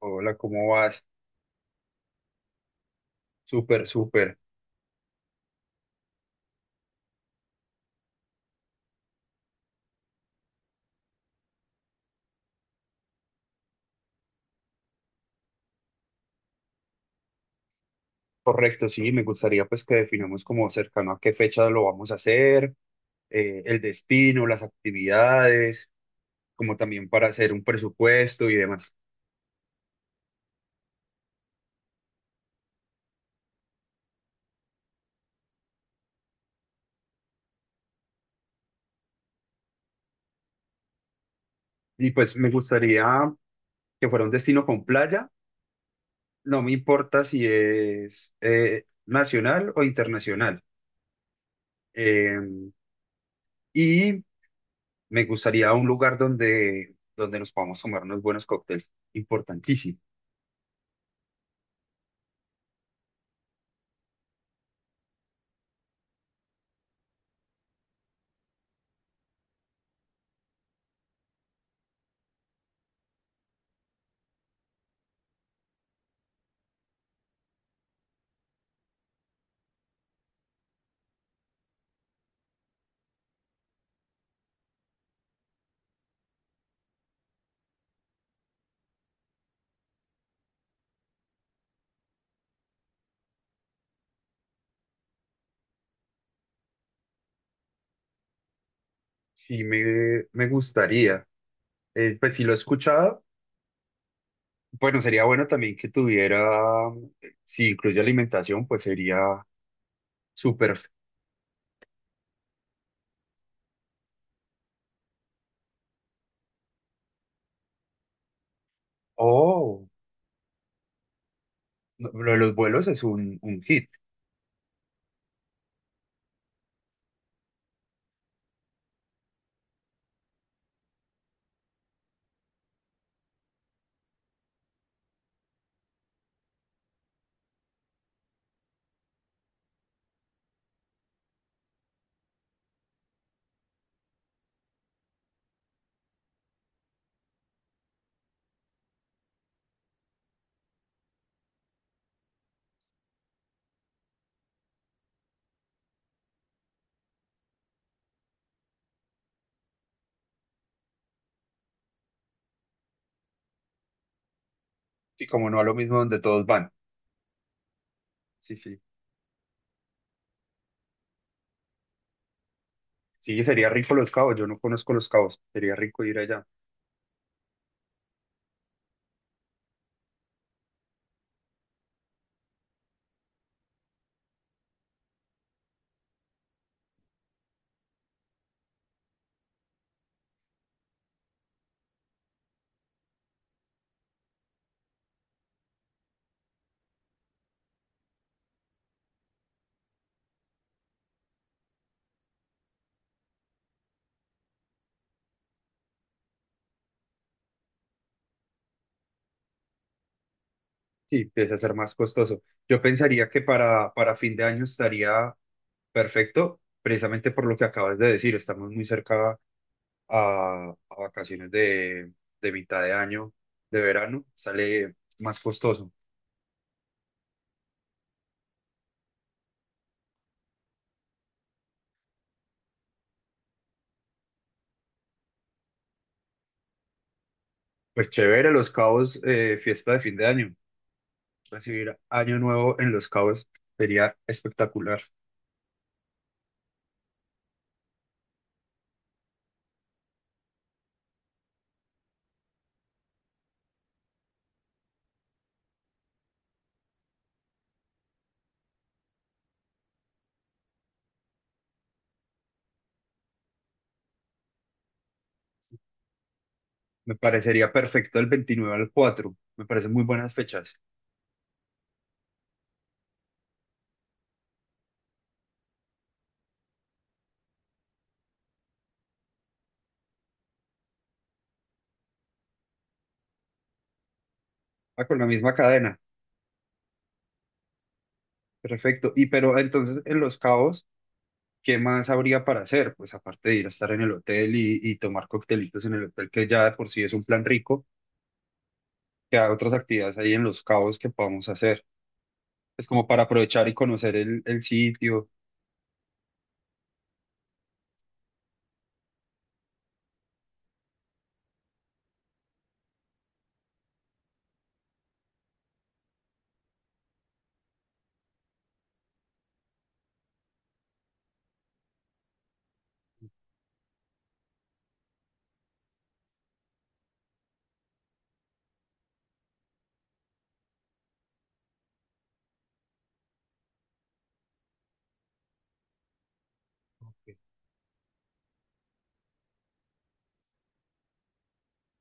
Hola, ¿cómo vas? Súper, súper. Correcto, sí, me gustaría pues que definamos como cercano a qué fecha lo vamos a hacer, el destino, las actividades, como también para hacer un presupuesto y demás. Y pues me gustaría que fuera un destino con playa, no me importa si es nacional o internacional. Eh, y me gustaría un lugar donde, donde nos podamos tomar unos buenos cócteles, importantísimo. Sí, me gustaría. Pues si lo he escuchado, bueno, sería bueno también que tuviera, si incluye alimentación, pues sería súper. Oh, no, lo de los vuelos es un hit. Sí, como no a lo mismo donde todos van. Sí, sí. Sí, sería rico Los Cabos. Yo no conozco Los Cabos. Sería rico ir allá. Sí, empieza a ser más costoso. Yo pensaría que para fin de año estaría perfecto, precisamente por lo que acabas de decir. Estamos muy cerca a vacaciones de mitad de año, de verano, sale más costoso. Pues chévere, Los Cabos, fiesta de fin de año. Recibir Año Nuevo en Los Cabos sería espectacular. Me parecería perfecto el 29 al 4. Me parecen muy buenas fechas. Ah, con la misma cadena. Perfecto. Y pero entonces en Los Cabos, ¿qué más habría para hacer? Pues aparte de ir a estar en el hotel y tomar coctelitos en el hotel, que ya de por sí es un plan rico, que hay otras actividades ahí en Los Cabos que podamos hacer. Es como para aprovechar y conocer el sitio. Ok.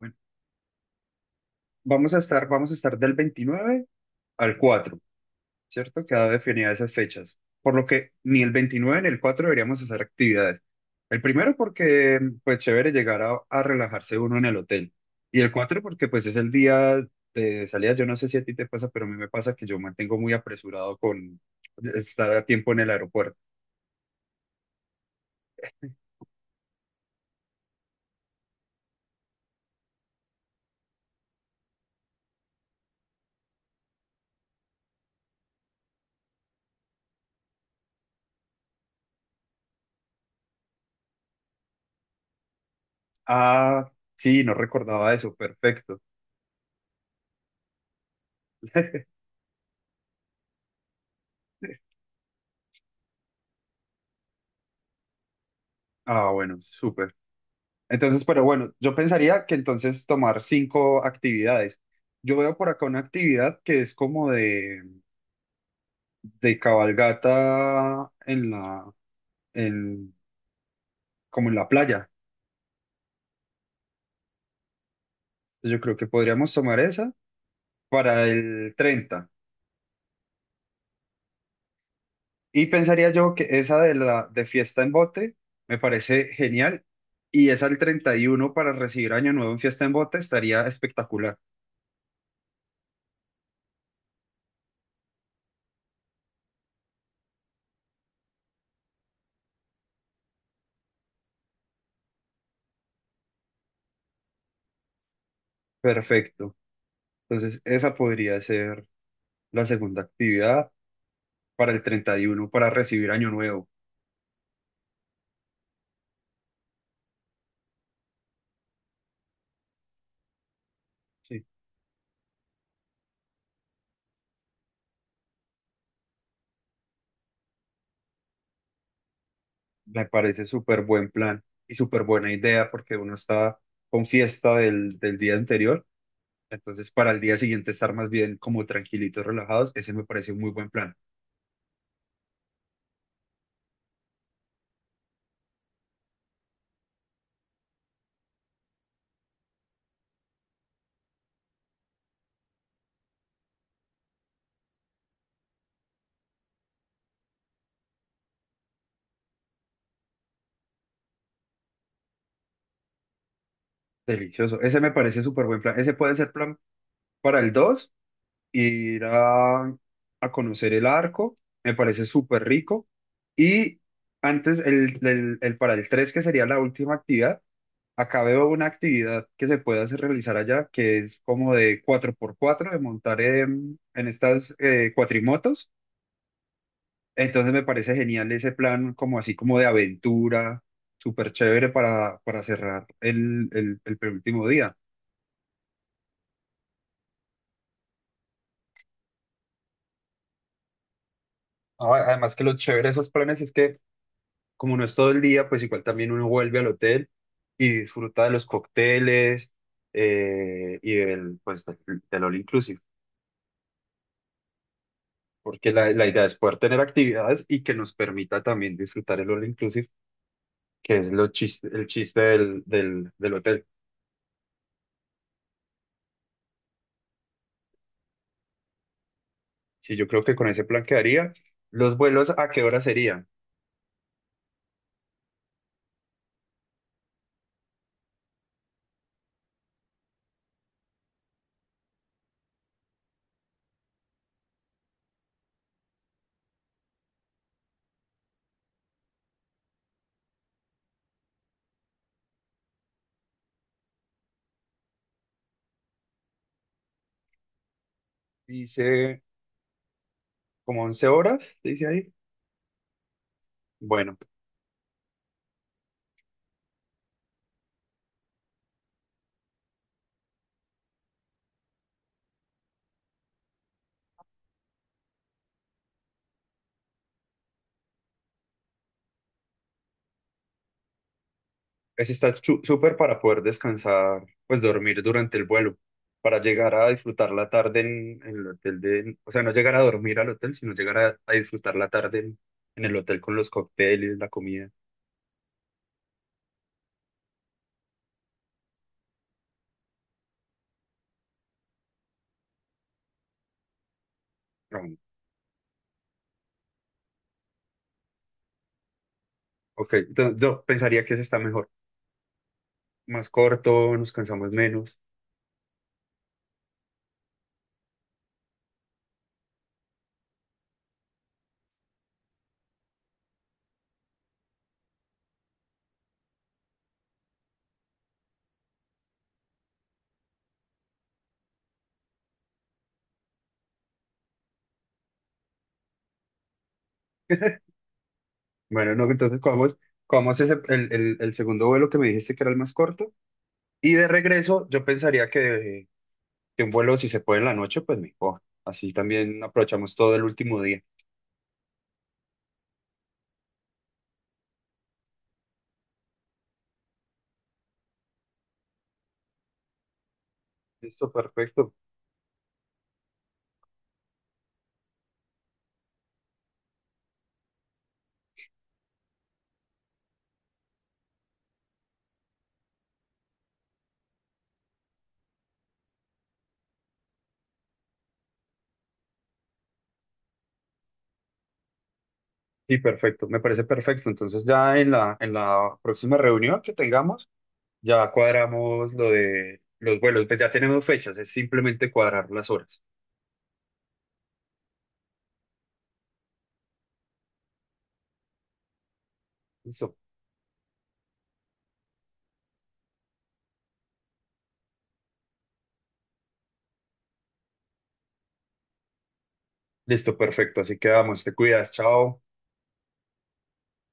Bueno, vamos a estar del 29 al 4, ¿cierto? Queda definida esas fechas. Por lo que ni el 29 ni el 4 deberíamos hacer actividades. El primero porque, pues, chévere llegar a relajarse uno en el hotel. Y el 4 porque, pues, es el día de salida. Yo no sé si a ti te pasa, pero a mí me pasa que yo mantengo muy apresurado con estar a tiempo en el aeropuerto. Ah, sí, no recordaba eso. Perfecto. Ah, bueno, súper. Entonces, pero bueno, yo pensaría que entonces tomar cinco actividades. Yo veo por acá una actividad que es como de cabalgata en, como en la playa. Yo creo que podríamos tomar esa para el 30. Y pensaría yo que esa de fiesta en bote me parece genial. Y esa el 31 para recibir Año Nuevo en fiesta en bote estaría espectacular. Perfecto. Entonces, esa podría ser la segunda actividad para el 31 para recibir Año Nuevo. Sí, me parece súper buen plan y súper buena idea porque uno está con fiesta del día anterior, entonces para el día siguiente estar más bien como tranquilitos, relajados, ese me parece un muy buen plan. Delicioso, ese me parece súper buen plan. Ese puede ser plan para el 2, ir a conocer el arco, me parece súper rico. Y antes, el para el 3 que sería la última actividad. Acá veo una actividad que se puede hacer realizar allá, que es como de 4x4, de montar en estas cuatrimotos. Entonces me parece genial ese plan, como así como de aventura, súper chévere para cerrar el penúltimo día. Ah, además que lo chévere de esos planes es que como no es todo el día, pues igual también uno vuelve al hotel y disfruta de los cócteles y del, pues, del all inclusive. Porque la idea es poder tener actividades y que nos permita también disfrutar el all inclusive, que es lo chiste, el chiste del hotel. Sí, yo creo que con ese plan quedaría. ¿Los vuelos a qué hora serían? Dice como 11 horas, dice ahí. Bueno, ese está súper para poder descansar, pues dormir durante el vuelo, para llegar a disfrutar la tarde en el hotel de, o sea, no llegar a dormir al hotel, sino llegar a disfrutar la tarde en el hotel con los cócteles, la comida. No, ok, entonces yo pensaría que ese está mejor, más corto, nos cansamos menos. Bueno, no, entonces cogemos ese, el segundo vuelo que me dijiste que era el más corto. Y de regreso, yo pensaría que un vuelo, si se puede en la noche, pues mejor. Así también aprovechamos todo el último día. Listo, perfecto. Sí, perfecto, me parece perfecto. Entonces ya en la próxima reunión que tengamos, ya cuadramos lo de los vuelos. Pues ya tenemos fechas, es simplemente cuadrar las horas. Listo, listo, perfecto. Así quedamos, te cuidas, chao.